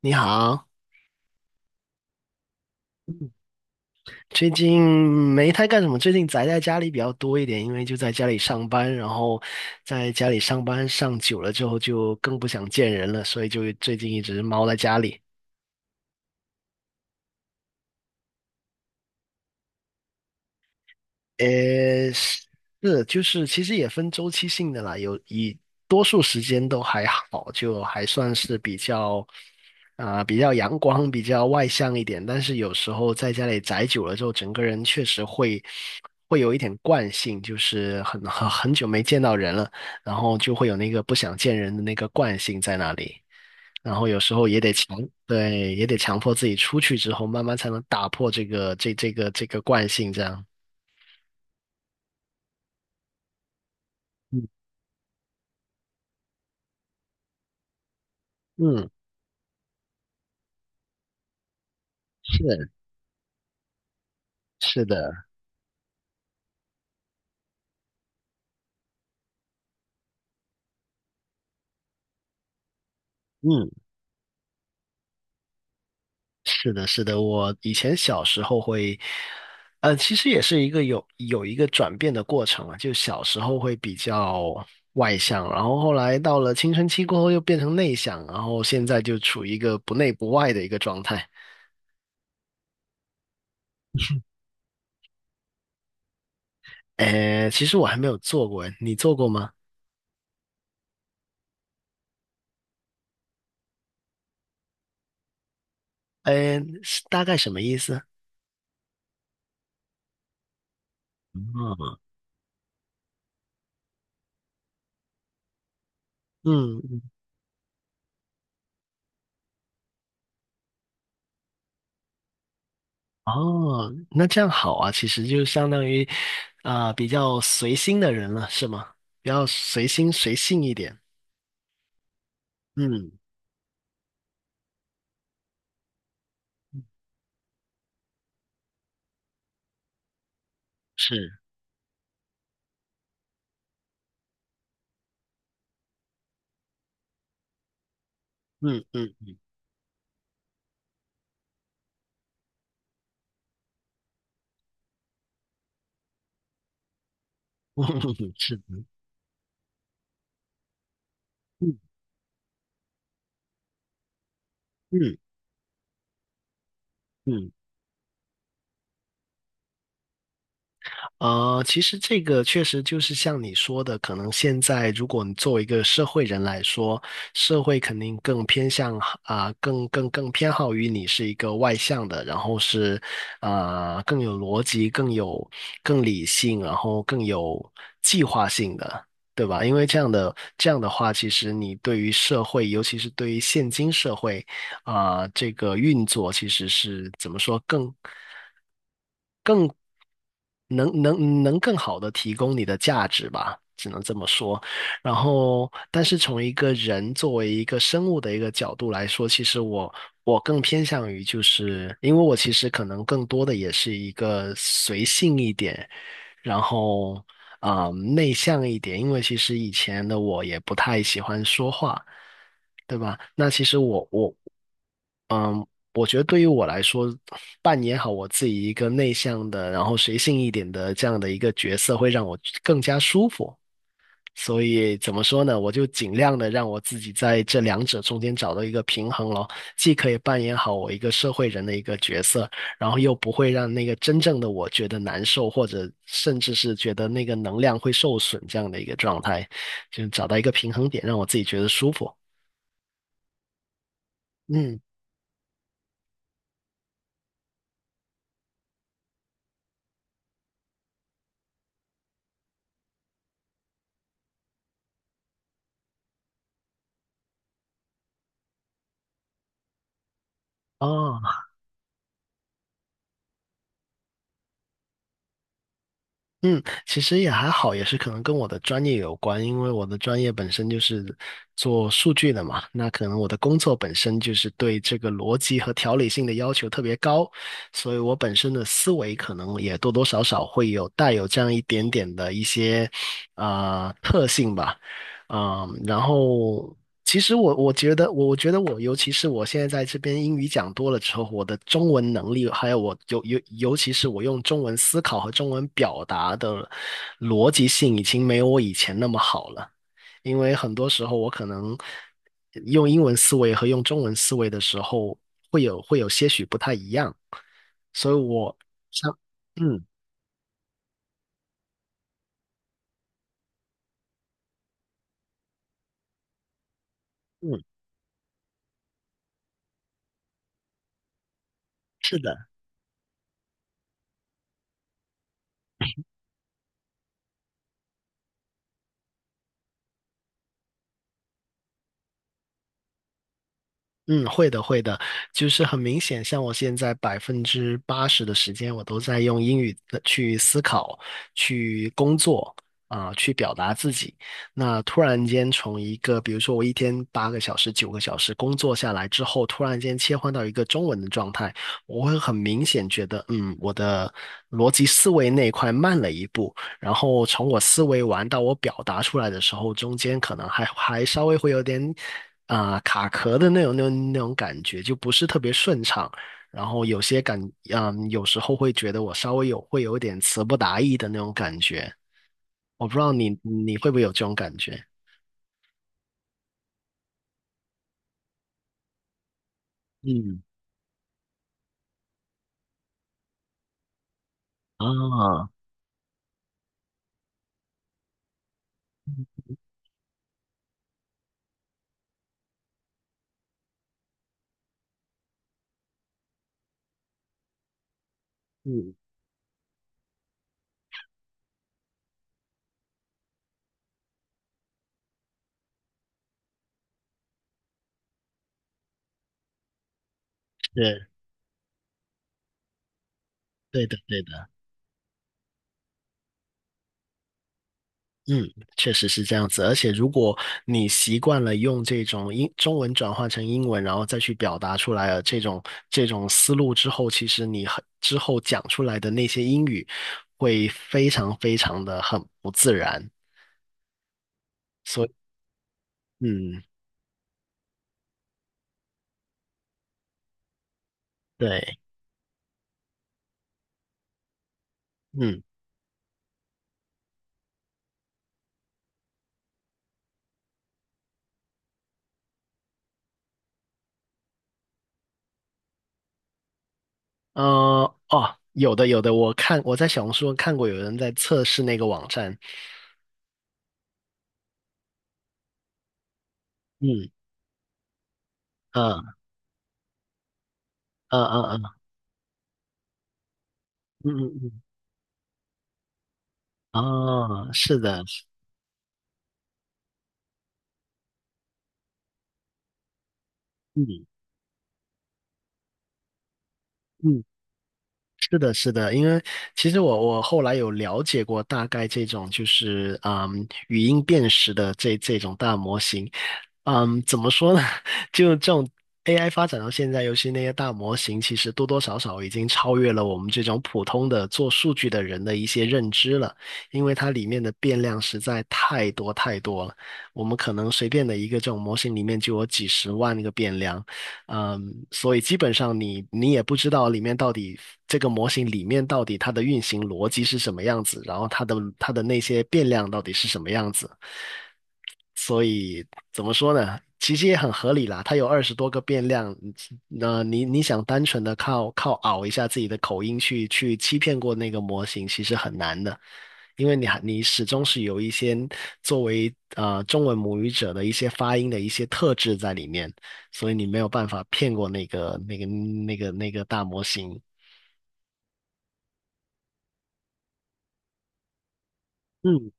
你好，嗯最近没太干什么，最近宅在家里比较多一点，因为就在家里上班，然后在家里上班上久了之后就更不想见人了，所以就最近一直猫在家里。是，就是其实也分周期性的啦，多数时间都还好，就还算是比较比较阳光、比较外向一点。但是有时候在家里宅久了之后，整个人确实会有一点惯性，就是很久没见到人了，然后就会有那个不想见人的那个惯性在那里。然后有时候也得强，对，也得强迫自己出去之后，慢慢才能打破这个这个惯性，这样。嗯。嗯。是。是的。嗯，是的，是的。我以前小时候会，其实也是一个有一个转变的过程啊。就小时候会比较外向，然后后来到了青春期过后又变成内向，然后现在就处于一个不内不外的一个状态。其实我还没有做过，你做过吗？是大概什么意思？嗯。嗯。哦，那这样好啊，其实就相当于比较随心的人了，是吗？比较随心随性一点。嗯，是，嗯嗯嗯，是的，嗯嗯嗯。其实这个确实就是像你说的，可能现在如果你作为一个社会人来说，社会肯定更偏向更偏好于你是一个外向的，然后是更有逻辑、更理性，然后更有计划性的，对吧？因为这样的话，其实你对于社会，尤其是对于现今社会这个运作，其实是怎么说更？能更好的提供你的价值吧，只能这么说。然后，但是从一个人作为一个生物的一个角度来说，其实我更偏向于就是，因为我其实可能更多的也是一个随性一点，然后内向一点，因为其实以前的我也不太喜欢说话，对吧？那其实我嗯，我觉得对于我来说，扮演好我自己一个内向的，然后随性一点的这样的一个角色，会让我更加舒服。所以怎么说呢？我就尽量的让我自己在这两者中间找到一个平衡咯，既可以扮演好我一个社会人的一个角色，然后又不会让那个真正的我觉得难受，或者甚至是觉得那个能量会受损这样的一个状态，就找到一个平衡点，让我自己觉得舒服。嗯，哦。嗯，其实也还好，也是可能跟我的专业有关，因为我的专业本身就是做数据的嘛，那可能我的工作本身就是对这个逻辑和条理性的要求特别高，所以我本身的思维可能也多多少少会有带有这样一点点的一些特性吧，嗯，然后。其实我觉得我，尤其是我现在在这边英语讲多了之后，我的中文能力，还有我尤尤尤其是我用中文思考和中文表达的逻辑性，已经没有我以前那么好了。因为很多时候我可能用英文思维和用中文思维的时候，会有些许不太一样，所以像嗯。嗯，是的。嗯，会的，会的，就是很明显，像我现在80%的时间，我都在用英语的去思考、去工作去表达自己。那突然间从一个，比如说我一天8个小时、9个小时工作下来之后，突然间切换到一个中文的状态，我会很明显觉得，嗯，我的逻辑思维那一块慢了一步，然后从我思维完到我表达出来的时候，中间可能还稍微会有点卡壳的那种感觉，就不是特别顺畅。然后有些感，嗯，有时候会觉得我稍微会有点词不达意的那种感觉。我不知道你会不会有这种感觉？嗯。啊。嗯。对。对的，对的。嗯，确实是这样子。而且，如果你习惯了用这种英中文转换成英文，然后再去表达出来了这种思路之后，其实你很之后讲出来的那些英语会非常非常很不自然。所以，嗯，对，嗯，哦，有的有的，我看我在小红书上看过有人在测试那个网站，嗯，嗯嗯嗯嗯嗯嗯，嗯哦，是的，嗯嗯。是的，是的，因为其实我后来有了解过大概这种就是语音辨识的这种大模型，嗯，怎么说呢？就这种 AI 发展到现在，尤其那些大模型，其实多多少少已经超越了我们这种普通的做数据的人的一些认知了，因为它里面的变量实在太多了，我们可能随便的一个这种模型里面就有几十万个变量。嗯，所以基本上你你也不知道里面到底这个模型里面到底它的运行逻辑是什么样子，然后它的那些变量到底是什么样子，所以怎么说呢？其实也很合理啦，它有20多个变量，那你你想单纯的靠熬一下自己的口音去欺骗过那个模型，其实很难的，因为你始终是有一些作为中文母语者的一些发音的一些特质在里面。所以你没有办法骗过那个大模型。嗯，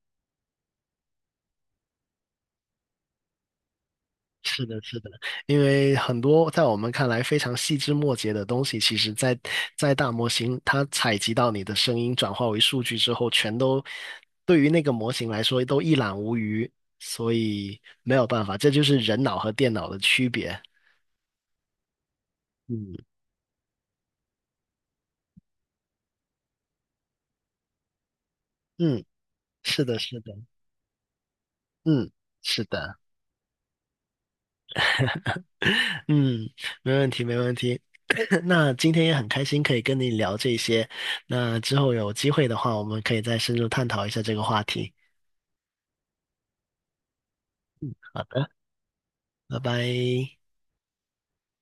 是的，是的，因为很多在我们看来非常细枝末节的东西，其实在大模型它采集到你的声音转化为数据之后，全都对于那个模型来说都一览无余，所以没有办法，这就是人脑和电脑的区别。嗯嗯，是的，是的，嗯，是的。嗯，没问题，没问题。那今天也很开心可以跟你聊这些，那之后有机会的话，我们可以再深入探讨一下这个话题。好的，拜拜。